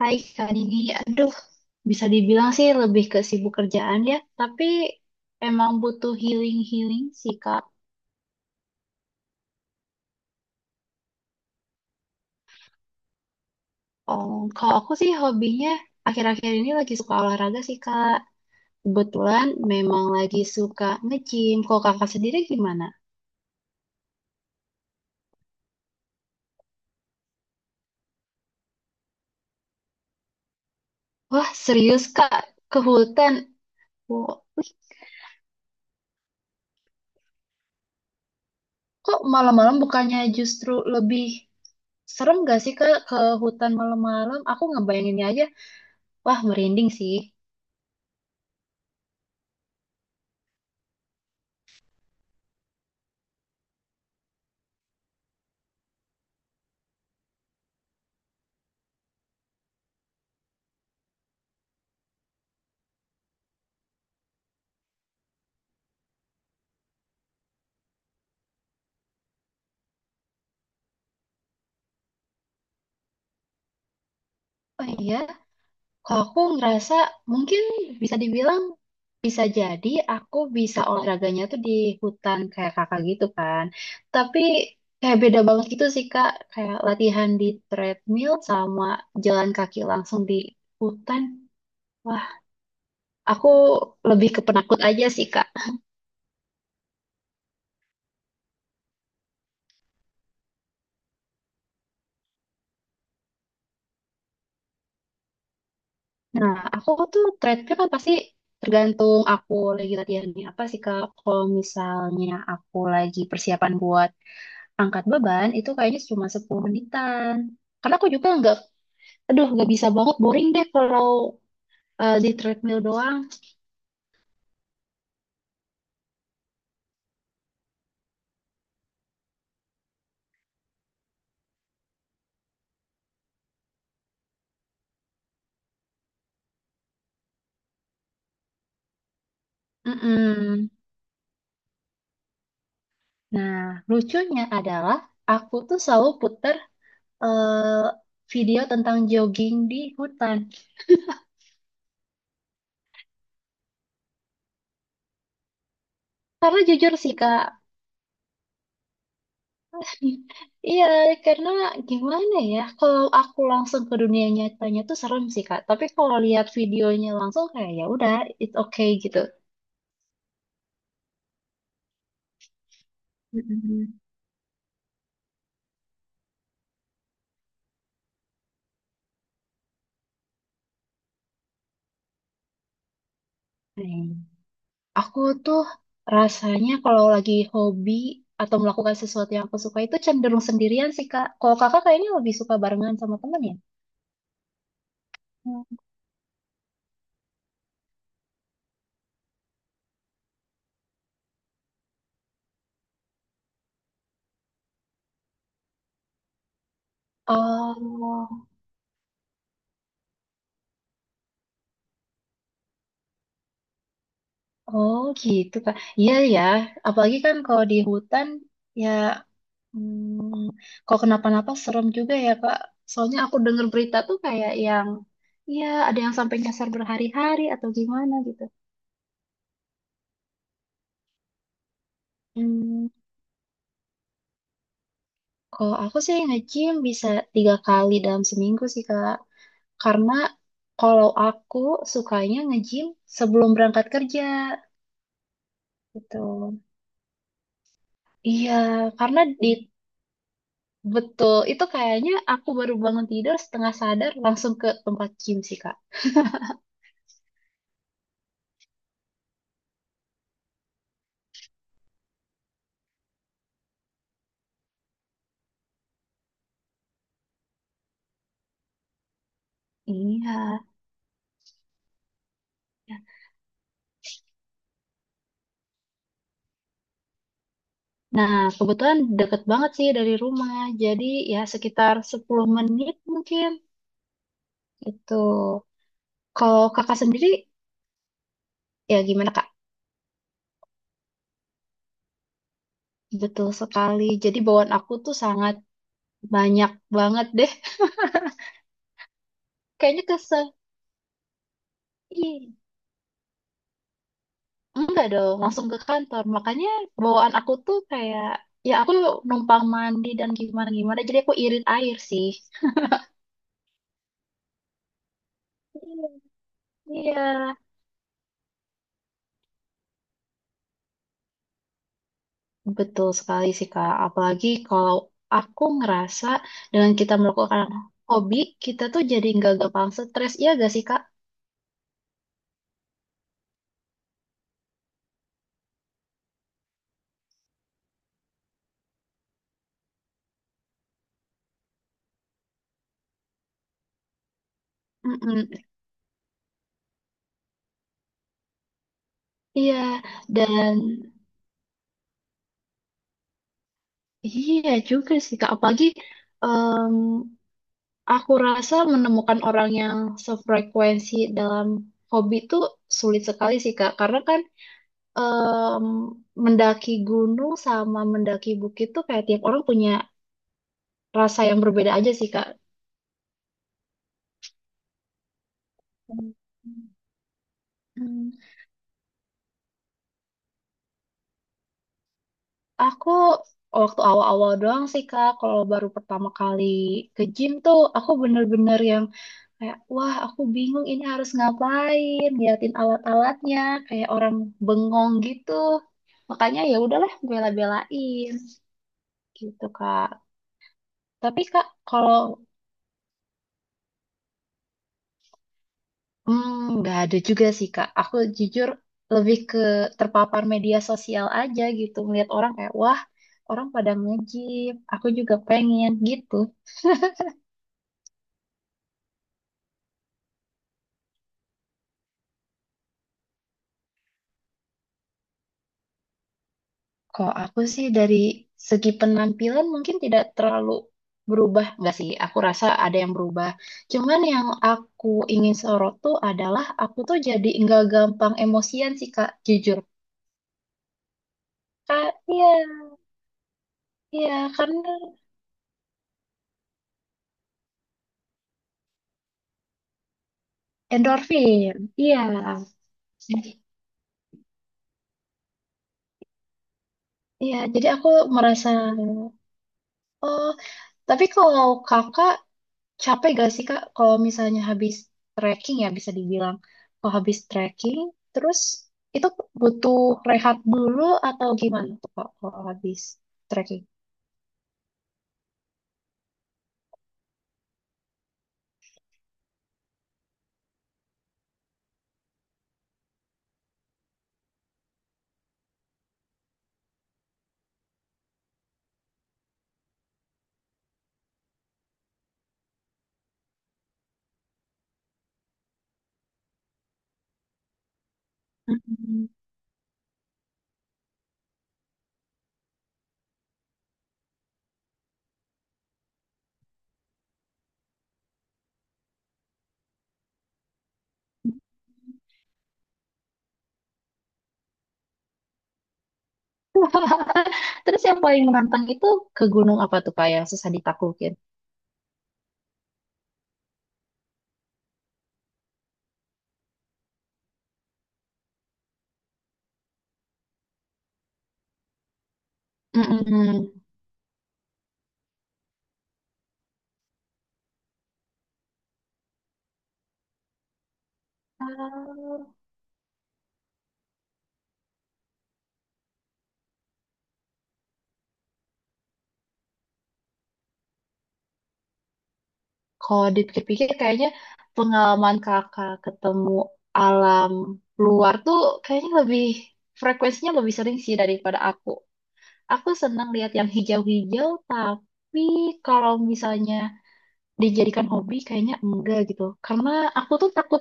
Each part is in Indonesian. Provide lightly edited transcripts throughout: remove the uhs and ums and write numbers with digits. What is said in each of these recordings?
Hai Kak Didi, aduh bisa dibilang sih lebih ke sibuk kerjaan ya, tapi emang butuh healing-healing sih Kak. Oh, kalau aku sih hobinya akhir-akhir ini lagi suka olahraga sih Kak. Kebetulan memang lagi suka nge-gym. Kalau kakak sendiri gimana? Wah serius Kak, ke hutan. Wah, wih, kok malam-malam bukannya justru lebih serem gak sih Kak ke hutan malam-malam? Aku ngebayanginnya aja, wah merinding sih. Oh iya, kalau aku ngerasa mungkin bisa dibilang bisa jadi aku bisa olahraganya tuh di hutan kayak kakak gitu kan. Tapi kayak beda banget gitu sih kak. Kayak latihan di treadmill sama jalan kaki langsung di hutan. Wah, aku lebih ke penakut aja sih kak. Nah, aku tuh treadmill kan pasti tergantung aku lagi latihan di apa sih kak. Kalau misalnya aku lagi persiapan buat angkat beban itu kayaknya cuma 10 menitan. Karena aku juga nggak, aduh nggak bisa banget boring deh kalau di treadmill doang. Mm-mm. Nah, lucunya adalah aku tuh selalu puter eh, video tentang jogging di hutan. Karena jujur sih Kak, iya karena gimana ya, kalau aku langsung ke dunia nyatanya tuh serem sih Kak. Tapi kalau lihat videonya langsung kayak ya udah, it's okay gitu. Mm-mm. Nah, aku tuh rasanya kalau lagi hobi atau melakukan sesuatu yang aku suka itu cenderung sendirian sih, Kak. Kalau Kakak kayaknya lebih suka barengan sama temen ya? Hmm. Oh, oh gitu, Kak. Iya ya, apalagi kan kalau di hutan ya, kalau kenapa-napa serem juga ya, Kak. Soalnya aku dengar berita tuh kayak yang ya ada yang sampai nyasar berhari-hari atau gimana gitu. Hmm, kalau aku sih nge-gym bisa 3 kali dalam seminggu sih, Kak. Karena kalau aku sukanya nge-gym sebelum berangkat kerja gitu. Iya, karena di betul itu kayaknya aku baru bangun tidur setengah sadar langsung ke tempat gym sih Kak. Iya. Nah, kebetulan deket banget sih dari rumah. Jadi ya sekitar 10 menit mungkin gitu. Kalau Kakak sendiri ya gimana Kak? Betul sekali. Jadi bawaan aku tuh sangat banyak banget deh. Kayaknya kesel. Iya. Enggak dong, langsung ke kantor. Makanya bawaan aku tuh kayak, ya aku numpang mandi dan gimana-gimana, jadi aku irit air sih. Iya. Iya, betul sekali sih Kak. Apalagi kalau aku ngerasa dengan kita melakukan hobi, kita tuh jadi nggak gampang stres. Iya gak sih Kak? Mm-mm. Iya, dan iya juga sih Kak. Apalagi aku rasa menemukan orang yang sefrekuensi dalam hobi itu sulit sekali sih Kak, karena kan em, mendaki gunung sama mendaki bukit tuh kayak tiap orang punya rasa yang berbeda aja sih Kak. Hmm. Aku waktu awal-awal doang sih Kak, kalau baru pertama kali ke gym tuh aku bener-bener yang kayak, wah aku bingung ini harus ngapain, liatin alat-alatnya, kayak orang bengong gitu. Makanya ya udahlah bela-belain gitu, Kak. Tapi Kak, kalau hmm, nggak ada juga sih, Kak. Aku jujur lebih ke terpapar media sosial aja gitu, melihat orang kayak, wah orang pada nge-gym, aku juga pengen gitu. Kalau aku sih dari segi penampilan mungkin tidak terlalu berubah, nggak sih? Aku rasa ada yang berubah. Cuman yang aku ingin sorot tuh adalah aku tuh jadi nggak gampang emosian sih Kak, jujur. Kak, iya, iya, karena endorfin, iya, iya. Jadi aku merasa, oh, tapi kalau kakak capek gak sih Kak kalau misalnya habis trekking ya bisa dibilang. Kalau habis trekking terus itu butuh rehat dulu atau gimana tuh Kak kalau habis trekking? Mm. Terus yang paling menantang itu ke gunung apa tuh Kak yang susah ditaklukin? Mm-mm. Ah, kalau dipikir-pikir kayaknya pengalaman kakak ketemu alam luar tuh kayaknya lebih frekuensinya lebih sering sih daripada aku. Aku senang lihat yang hijau-hijau, tapi kalau misalnya dijadikan hobi kayaknya enggak gitu. Karena aku tuh takut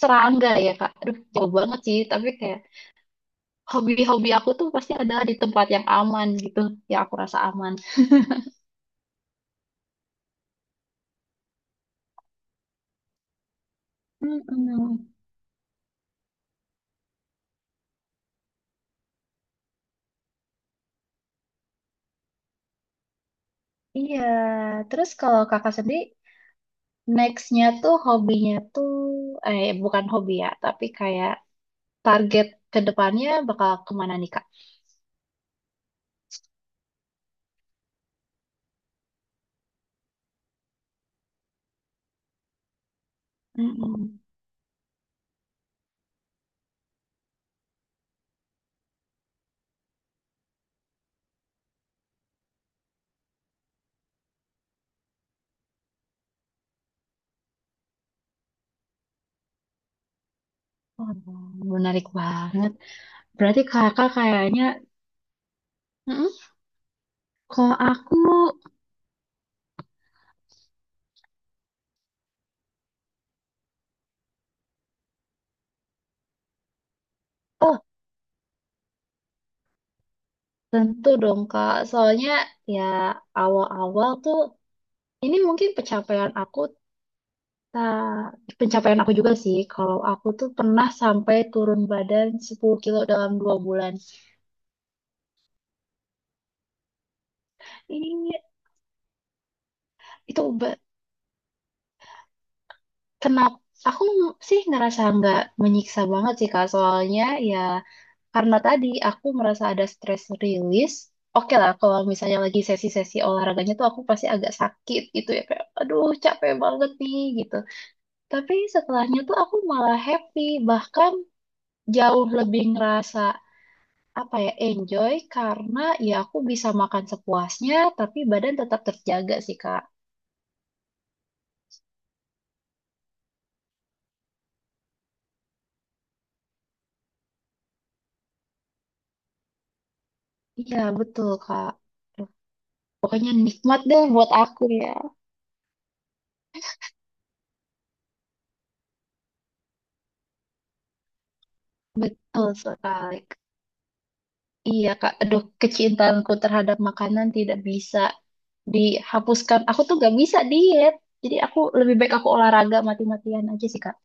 serangga ya, Kak. Aduh, jauh banget sih, tapi kayak hobi-hobi aku tuh pasti adalah di tempat yang aman gitu, yang aku rasa aman. Mm-mm. Iya, terus kalau kakak sendiri nextnya tuh hobinya tuh eh bukan hobi ya, tapi kayak target ke depannya bakal kemana nih kak? Mm-mm. Wah, menarik banget. Berarti kakak kayaknya, Mm-mm. Kalau aku, oh tentu dong kak. Soalnya ya awal-awal tuh, ini mungkin pencapaian aku, ta- pencapaian aku juga sih. Kalau aku tuh pernah sampai turun badan 10 kilo dalam 2 bulan. Ini itu kenapa? Aku sih ngerasa nggak menyiksa banget sih kak. Soalnya ya karena tadi aku merasa ada stress release. Oke lah, kalau misalnya lagi sesi-sesi olahraganya tuh aku pasti agak sakit gitu ya. Kayak, aduh capek banget nih gitu. Tapi setelahnya tuh aku malah happy. Bahkan jauh lebih ngerasa apa ya, enjoy. Karena ya aku bisa makan sepuasnya, tapi badan tetap terjaga sih, Kak. Iya, betul, Kak. Pokoknya nikmat deh buat aku ya. Betul sekali. Iya, Kak. Aduh, kecintaanku terhadap makanan tidak bisa dihapuskan. Aku tuh gak bisa diet. Jadi aku lebih baik aku olahraga mati-matian aja sih, Kak.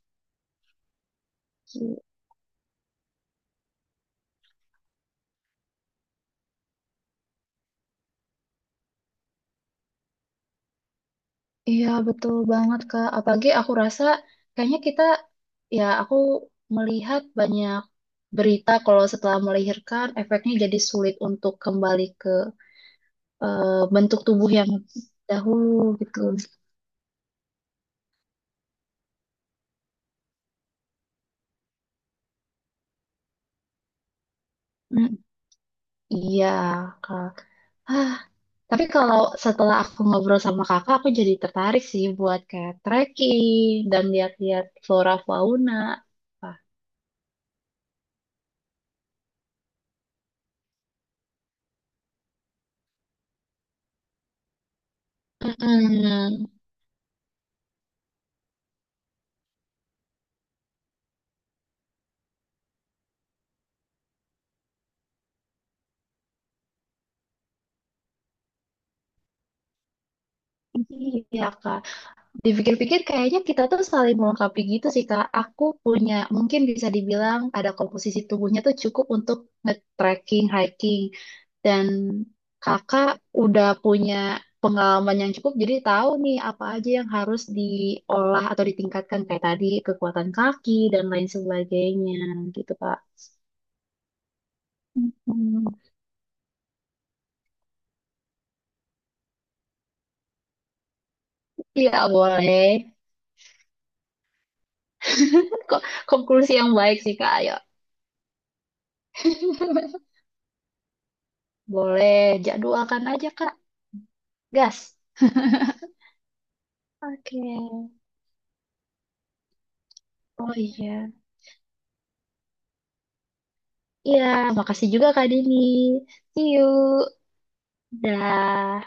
Iya, betul banget, Kak. Apalagi aku rasa kayaknya kita, ya aku melihat banyak berita kalau setelah melahirkan efeknya jadi sulit untuk kembali ke bentuk tubuh yang dahulu gitu. Mm, iya, Kak. Ah, tapi kalau setelah aku ngobrol sama kakak, aku jadi tertarik sih buat kayak trekking dan lihat-lihat flora fauna. Wah, Mm-mm. Iya, Kak. Dipikir-pikir kayaknya kita tuh saling melengkapi gitu sih Kak. Aku punya mungkin bisa dibilang ada komposisi tubuhnya tuh cukup untuk nge-trekking, hiking. Dan Kakak udah punya pengalaman yang cukup jadi tahu nih apa aja yang harus diolah atau ditingkatkan kayak tadi kekuatan kaki dan lain sebagainya gitu Kak. Hmm. Iya boleh. Kan kok konklusi yang baik sih Kak. Ayo boleh jadwalkan aja Kak. Gas. Oke. Oh iya. Iya, makasih juga Kak Dini. See you. Dah.